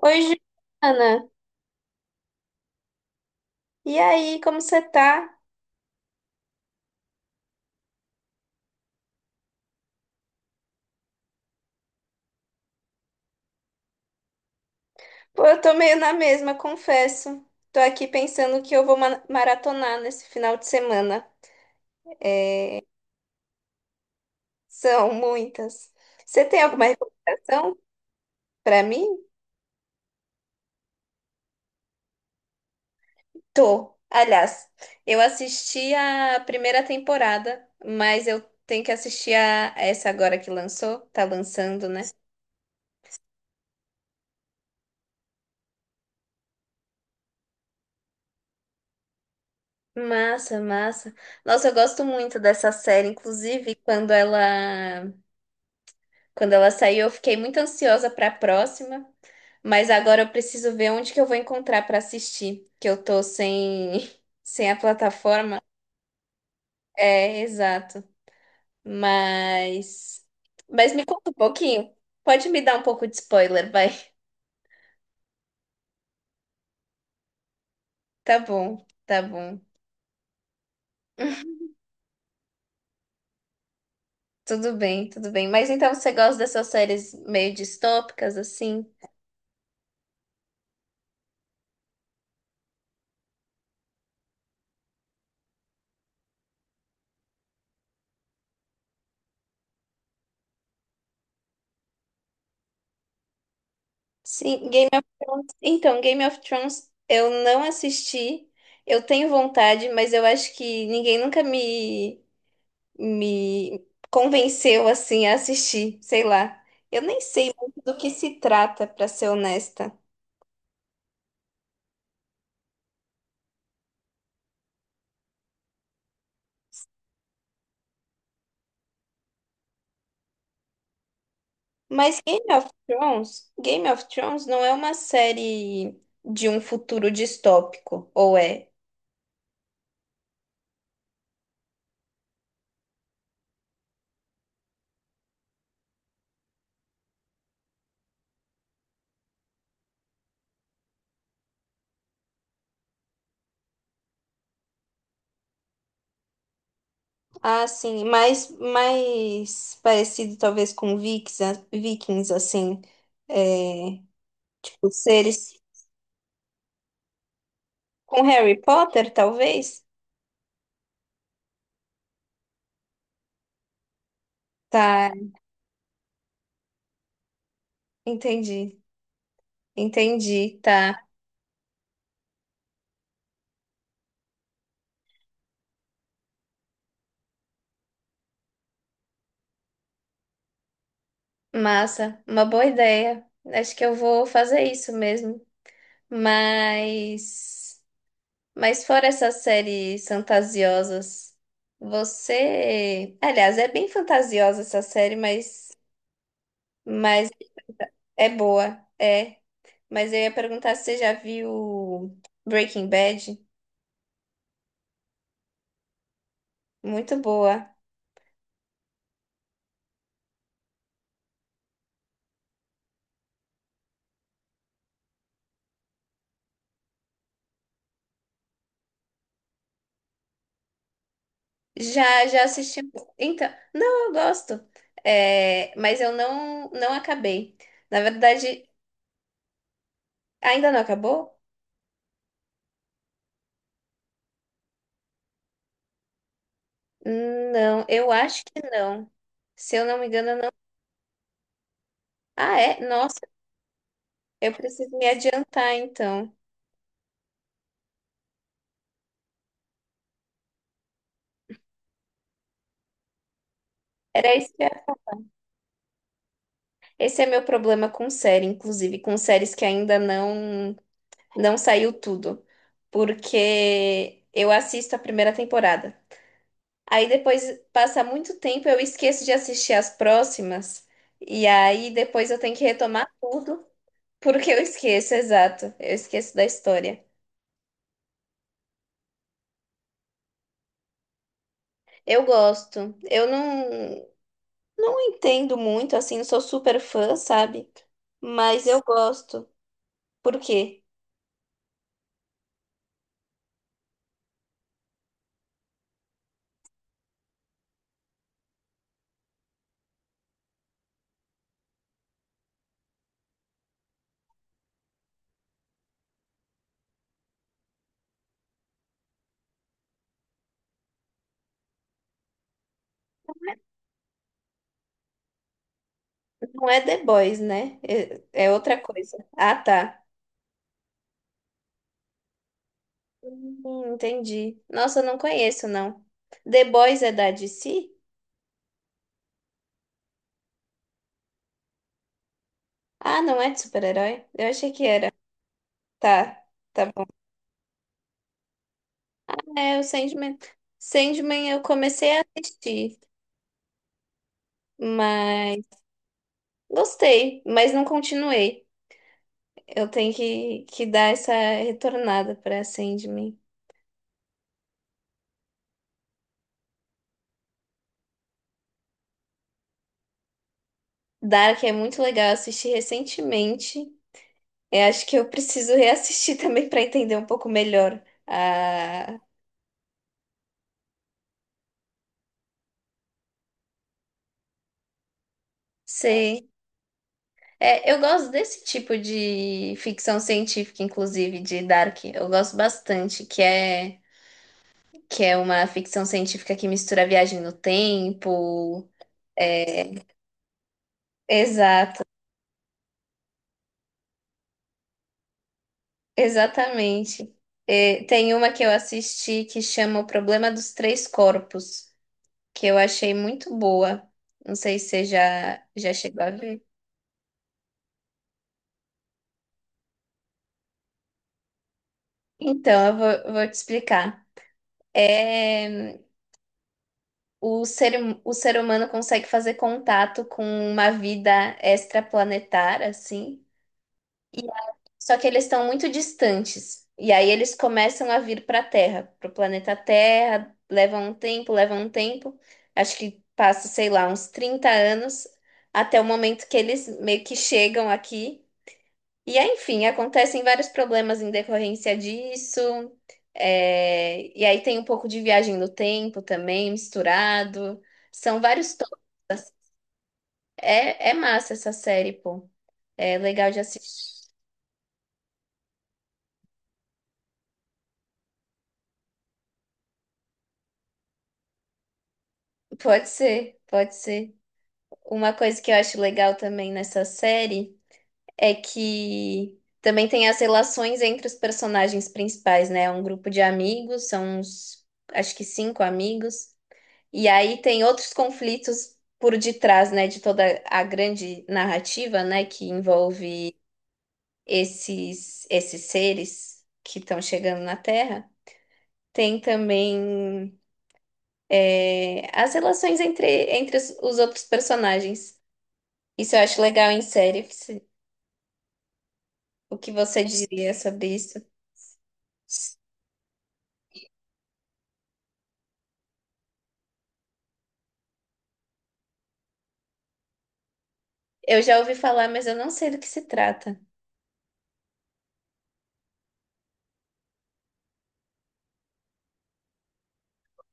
Oi, Giovana. E aí, como você tá? Pô, eu tô meio na mesma, confesso. Tô aqui pensando que eu vou maratonar nesse final de semana. São muitas. Você tem alguma recomendação pra mim? Tô. Aliás, eu assisti a primeira temporada, mas eu tenho que assistir a essa agora que lançou. Tá lançando, né? Massa, massa. Nossa, eu gosto muito dessa série, inclusive Quando ela saiu, eu fiquei muito ansiosa para a próxima, mas agora eu preciso ver onde que eu vou encontrar para assistir, que eu tô sem sem a plataforma. É, exato. Mas mas me conta um pouquinho. Pode me dar um pouco de spoiler, vai. Tá bom, tá bom. Tudo bem, tudo bem. Mas então você gosta dessas séries meio distópicas assim? Sim, Game of Thrones. Então, Game of Thrones eu não assisti. Eu tenho vontade, mas eu acho que ninguém nunca me convenceu assim a assistir, sei lá. Eu nem sei muito do que se trata, pra ser honesta. Mas Game of Thrones não é uma série de um futuro distópico, ou é? Ah, sim, mais parecido talvez com Vikings assim. Os seres com Harry Potter, talvez? Tá, entendi. Entendi, tá. Massa, uma boa ideia. Acho que eu vou fazer isso mesmo. Mas, mas fora essas séries fantasiosas, você, aliás, é bem fantasiosa essa série, mas é boa, é. Mas eu ia perguntar se você já viu Breaking Bad. Muito boa. Já, já assisti. Então, não, eu gosto. É, mas eu não acabei. Na verdade, ainda não acabou? Não, eu acho que não. Se eu não me engano, não. Ah, é? Nossa, eu preciso me adiantar, então. Era isso que esse é meu problema com série, inclusive, com séries que ainda não saiu tudo. Porque eu assisto a primeira temporada. Aí depois passa muito tempo, eu esqueço de assistir as próximas, e aí depois eu tenho que retomar tudo, porque eu esqueço, exato. Eu esqueço da história. Eu gosto. Eu não entendo muito, assim, não sou super fã, sabe? Mas eu gosto. Por quê? Não é The Boys, né? É, é outra coisa. Ah, tá. Entendi. Nossa, eu não conheço, não. The Boys é da DC? Ah, não é de super-herói? Eu achei que era. Tá, tá bom. É, o Sandman. Sandman eu comecei a assistir, mas gostei, mas não continuei. Eu tenho que dar essa retornada pra Sandman. Dark é muito legal, eu assisti recentemente. Eu acho que eu preciso reassistir também pra entender um pouco melhor. Ah, sei. É, eu gosto desse tipo de ficção científica, inclusive, de Dark. Eu gosto bastante, que é uma ficção científica que mistura a viagem no tempo. é, Exato, exatamente. É, tem uma que eu assisti que chama O Problema dos Três Corpos, que eu achei muito boa. Não sei se você já chegou a ver. Então, eu vou te explicar. É, o ser humano consegue fazer contato com uma vida extraplanetária, assim. Só que eles estão muito distantes. E aí eles começam a vir para a Terra, para o planeta Terra. Levam um tempo, levam um tempo. Acho que passa, sei lá, uns 30 anos até o momento que eles meio que chegam aqui. E aí, enfim, acontecem vários problemas em decorrência disso. E aí tem um pouco de viagem no tempo também, misturado. São vários tópicos. É, é massa essa série, pô. É legal de assistir. Pode ser, pode ser. Uma coisa que eu acho legal também nessa série é que também tem as relações entre os personagens principais, né? É um grupo de amigos, são uns, acho que cinco amigos, e aí tem outros conflitos por detrás, né, de toda a grande narrativa, né, que envolve esses seres que estão chegando na Terra. Tem também as relações entre os outros personagens. Isso eu acho legal em série. O que você diria sobre isso? Eu já ouvi falar, mas eu não sei do que se trata.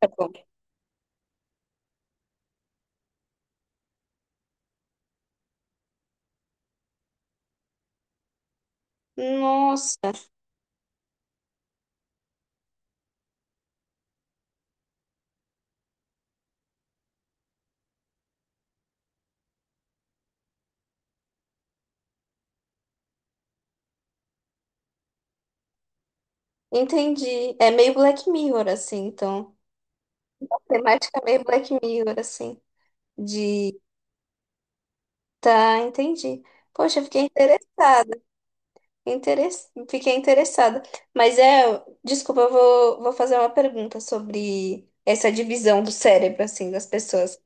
Tá bom. Nossa, entendi. É meio Black Mirror, assim, então. A temática é meio Black Mirror, assim. De. Tá, entendi. Poxa, eu fiquei interessada. Interes... Fiquei interessada. Mas é. Desculpa, eu vou fazer uma pergunta sobre essa divisão do cérebro, assim, das pessoas.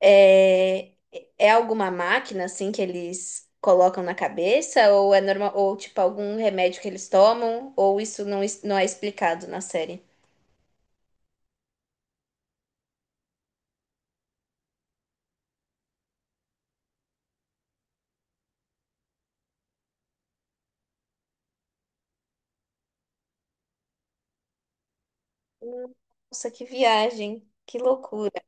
É, é alguma máquina assim que eles colocam na cabeça ou é normal ou tipo algum remédio que eles tomam ou isso não é explicado na série? Nossa, que viagem, que loucura.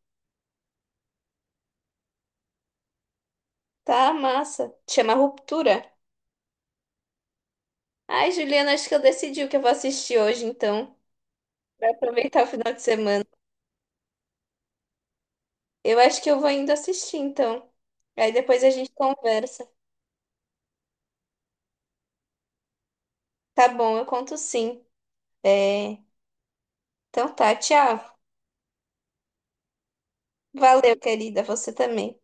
Tá massa. Chama Ruptura. Ai, Juliana, acho que eu decidi o que eu vou assistir hoje então, pra aproveitar o final de semana. Eu acho que eu vou indo assistir então. Aí depois a gente conversa. Tá bom, eu conto sim. É, então tá, tchau. Valeu, querida, você também.